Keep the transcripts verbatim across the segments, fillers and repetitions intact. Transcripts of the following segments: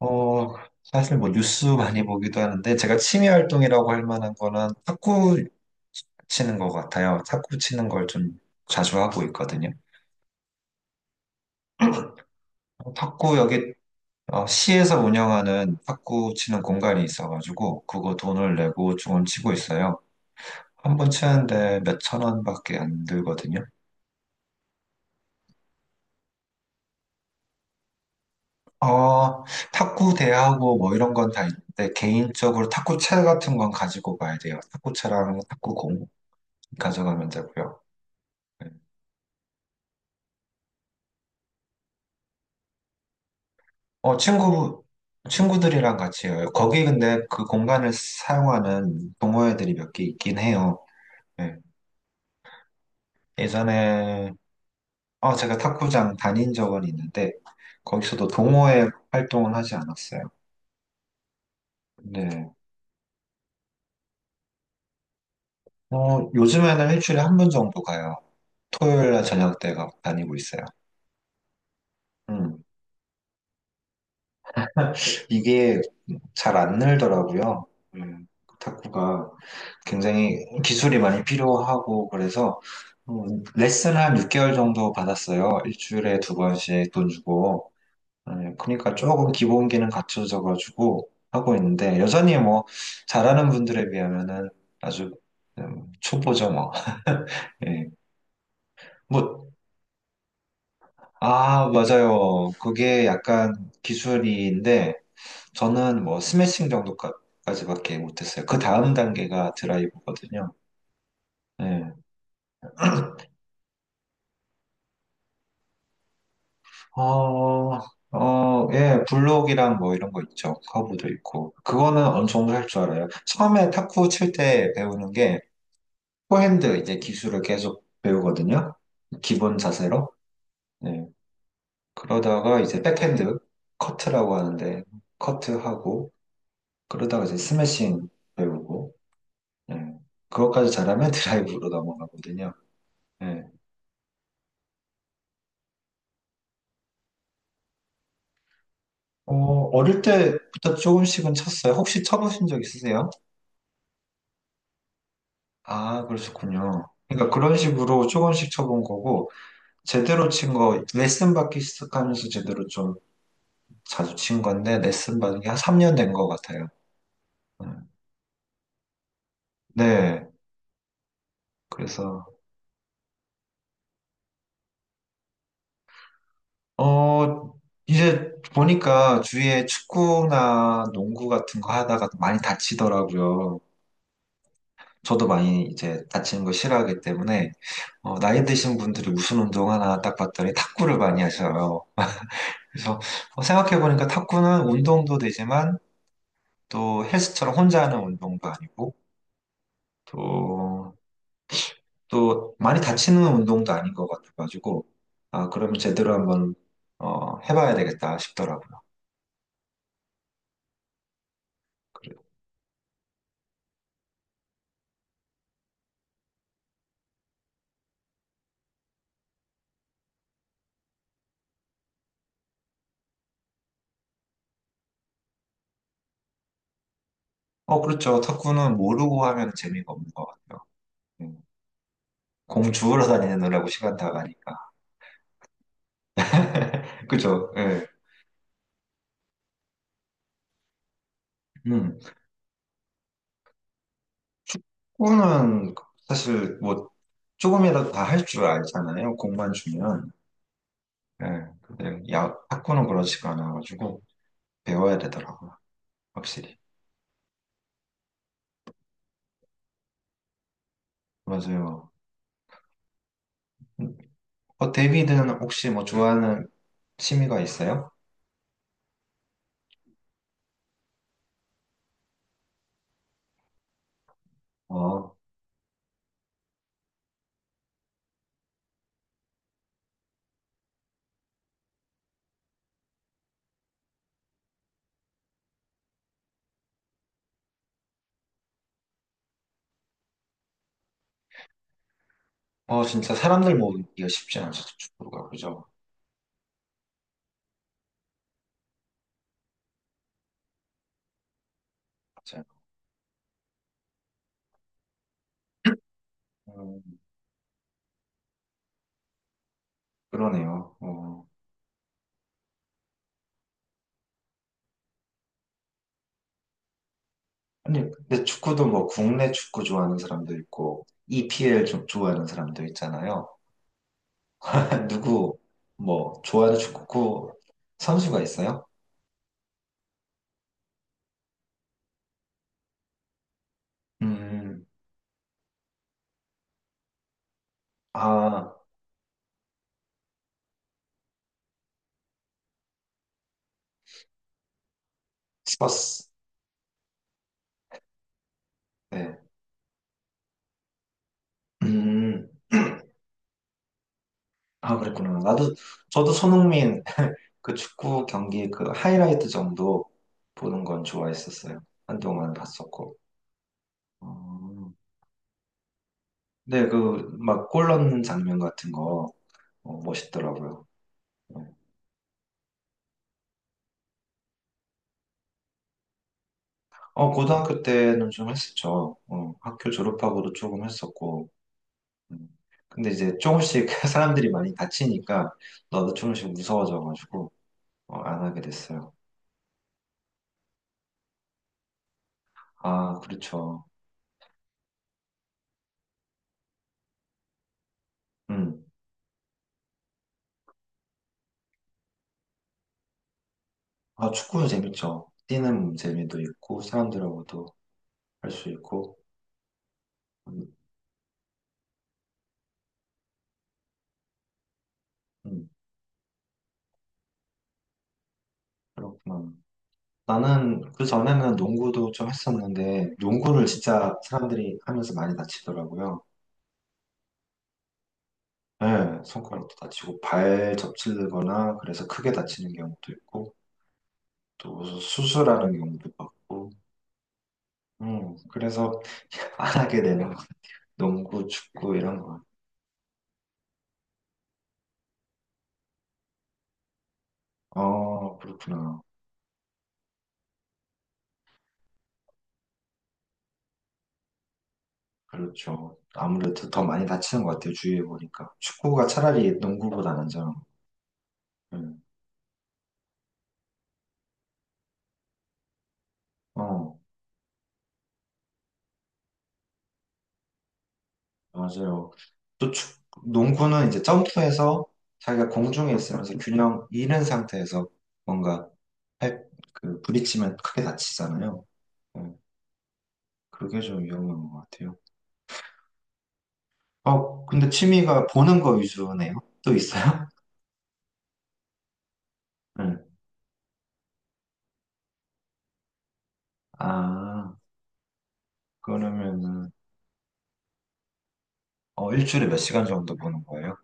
어, 사실 뭐 뉴스 많이 보기도 하는데 제가 취미 활동이라고 할 만한 거는 탁구 치는 것 같아요. 탁구 치는 걸 좀 자주 하고 있거든요. 어, 탁구 여기 어, 시에서 운영하는 탁구 치는 공간이 있어가지고 그거 돈을 내고 조금 치고 있어요. 한 번 치는데 몇천 원밖에 안 들거든요. 어, 탁구 대하고 뭐 이런 건 다 있는데 개인적으로 탁구채 같은 건 가지고 가야 돼요. 탁구채랑 탁구공 가져가면 되고요. 어, 친구, 친구들이랑 같이 해요. 거기 근데 그 공간을 사용하는 동호회들이 몇 개 있긴 해요. 예. 예전에, 어, 제가 탁구장 다닌 적은 있는데, 거기서도 동호회 활동은 하지 않았어요. 네. 어, 요즘에는 일주일에 한 번 정도 가요. 토요일 날 저녁 때 가- 다니고 있어요. 음. 이게 잘 안 늘더라고요. 음, 탁구가 굉장히 기술이 많이 필요하고 그래서 음, 레슨 한 육 개월 정도 받았어요. 일주일에 두 번씩 돈 주고. 예, 그러니까 조금 기본기는 갖춰져 가지고 하고 있는데 여전히 뭐 잘하는 분들에 비하면은 아주 음, 초보죠 뭐. 예. 뭐, 아, 맞아요. 그게 약간 기술인데 저는 뭐 스매싱 정도까지밖에 못했어요. 그 다음 단계가 드라이브거든요. 예. 어, 어, 예, 블록이랑 뭐 이런 거 있죠. 커브도 있고. 그거는 어느 정도 할 줄 알아요. 처음에 탁구 칠 때 배우는 게 포핸드 이제 기술을 계속 배우거든요. 기본 자세로. 예. 그러다가 이제 백핸드 커트라고 하는데 커트하고 그러다가 이제 스매싱 배우고. 예. 그것까지 잘하면 드라이브로 넘어가거든요. 예. 어, 어릴 때부터 조금씩은 쳤어요. 혹시 쳐보신 적 있으세요? 아, 그러셨군요. 그러니까 그런 식으로 조금씩 쳐본 거고, 제대로 친 거, 레슨 받기 시작하면서 제대로 좀 자주 친 건데, 레슨 받은 게 한 삼 년 된 것 같아요. 음, 네, 그래서, 어, 이제 보니까 주위에 축구나 농구 같은 거 하다가 많이 다치더라고요. 저도 많이 이제 다치는 거 싫어하기 때문에 어, 나이 드신 분들이 무슨 운동 하나 딱 봤더니 탁구를 많이 하셔요. 그래서 어, 생각해보니까 탁구는 운동도 되지만 또 헬스처럼 혼자 하는 운동도 아니고 또, 또 많이 다치는 운동도 아닌 것 같아가지고 아, 그러면 제대로 한번 어, 해봐야 되겠다 싶더라고요. 그래요. 어, 그렇죠. 탁구는 모르고 하면 재미가 없는 것 같아요. 음, 공 주우러 다니느라고 시간 다 가니까. 그죠? 예. 음. 축구는 사실 뭐 조금이라도 다 할 줄 알잖아요. 공만 주면. 예. 근데 야, 탁구는 그렇지가 않아가지고 배워야 되더라고요. 확실히. 맞아요. 음, 어, 데이비드는 혹시 뭐 좋아하는 취미가 있어요? 어, 어, 진짜 사람들 모으기가 쉽지 않죠. 축구가. 그죠? 맞아요. 음, 그러네요. 어. 아니, 근데 축구도 뭐 국내 축구 좋아하는 사람도 있고 이피엘 좀 좋아하는 사람도 있잖아요. 누구 뭐 좋아하는 축구 선수가 있어요? 음, 아, 스퍼스. 네. 음, 아, 그랬구나. 나도, 저도 손흥민 그 축구 경기 그 하이라이트 정도 보는 건 좋아했었어요. 한동안 봤었고. 어, 네, 그, 막 골 넣는 장면 같은 거 어, 멋있더라고요. 네. 어, 고등학교 때는 좀 했었죠. 어, 학교 졸업하고도 조금 했었고. 음. 근데 이제 조금씩 사람들이 많이 다치니까 나도 조금씩 무서워져가지고 어, 안 하게 됐어요. 아, 그렇죠. 음. 아, 축구도 재밌죠. 뛰는 재미도 있고 사람들하고도 할 수 있고. 음, 음, 그렇구나. 나는 그 전에는 농구도 좀 했었는데 농구를 진짜 사람들이 하면서 많이 다치더라고요. 네, 손가락도 다치고 발 접질거나 그래서 크게 다치는 경우도 있고 또 수술하는 경우도 있고. 음, 그래서 안 하게 되는 것 같아요. 농구, 축구 이런 거. 어, 그렇구나. 그렇죠. 아무래도 더 많이 다치는 것 같아요. 주위에 보니까. 축구가 차라리 농구보다 낫잖아. 음. 어, 맞아요. 또 축, 농구는 이제 점프해서 자기가 공중에 있으면서 균형 잃은 상태에서 뭔가 팔, 그 부딪히면 크게 다치잖아요. 음, 그게 좀 위험한 것 같아요. 어, 근데 취미가 보는 거 위주네요. 또 있어요? 음. 아, 그러면은 어, 일주일에 몇 시간 정도 보는 거예요?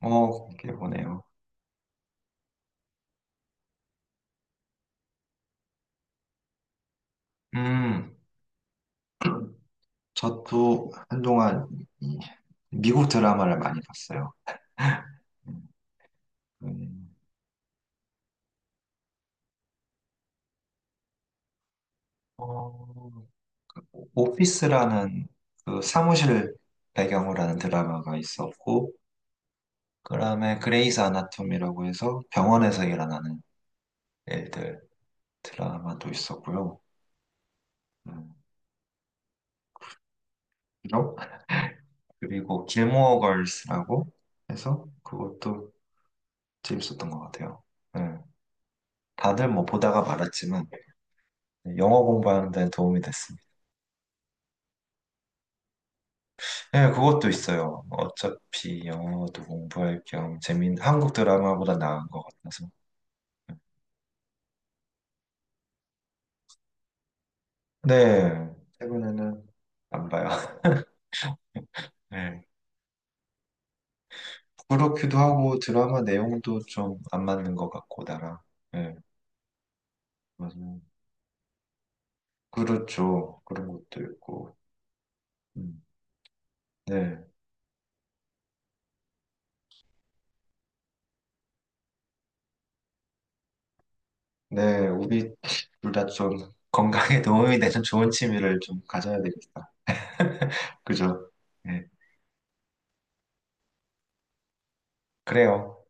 어, 그렇게 보네요. 음, 저도 한동안 이 미국 드라마를 많이 봤어요. 음, 음, 어, 오피스라는 그 사무실 배경으로 하는 드라마가 있었고, 그다음에 그레이스 아나토미라고 해서 병원에서 일어나는 일들 드라마도 있었고요. 음, 그죠? 그리고 길모어 걸스라고 해서 그것도 재밌었던 것 같아요. 네. 다들 뭐 보다가 말았지만 영어 공부하는 데는 도움이 됐습니다. 예, 그것도 있어요. 어차피 영어도 공부할 겸 재밌는 한국 드라마보다 나은 것 같아서. 네, 최근에는 안 봐요. 예, 부끄럽기도 하고 드라마 내용도 좀 안 맞는 것 같고 나랑. 예, 맞아요. 그렇죠. 그런 것도 있고. 음, 네, 네, 우리 둘 다 좀 건강에 도움이 되는 좋은 취미를 좀 가져야 되겠다. 그죠? 예, 그래요.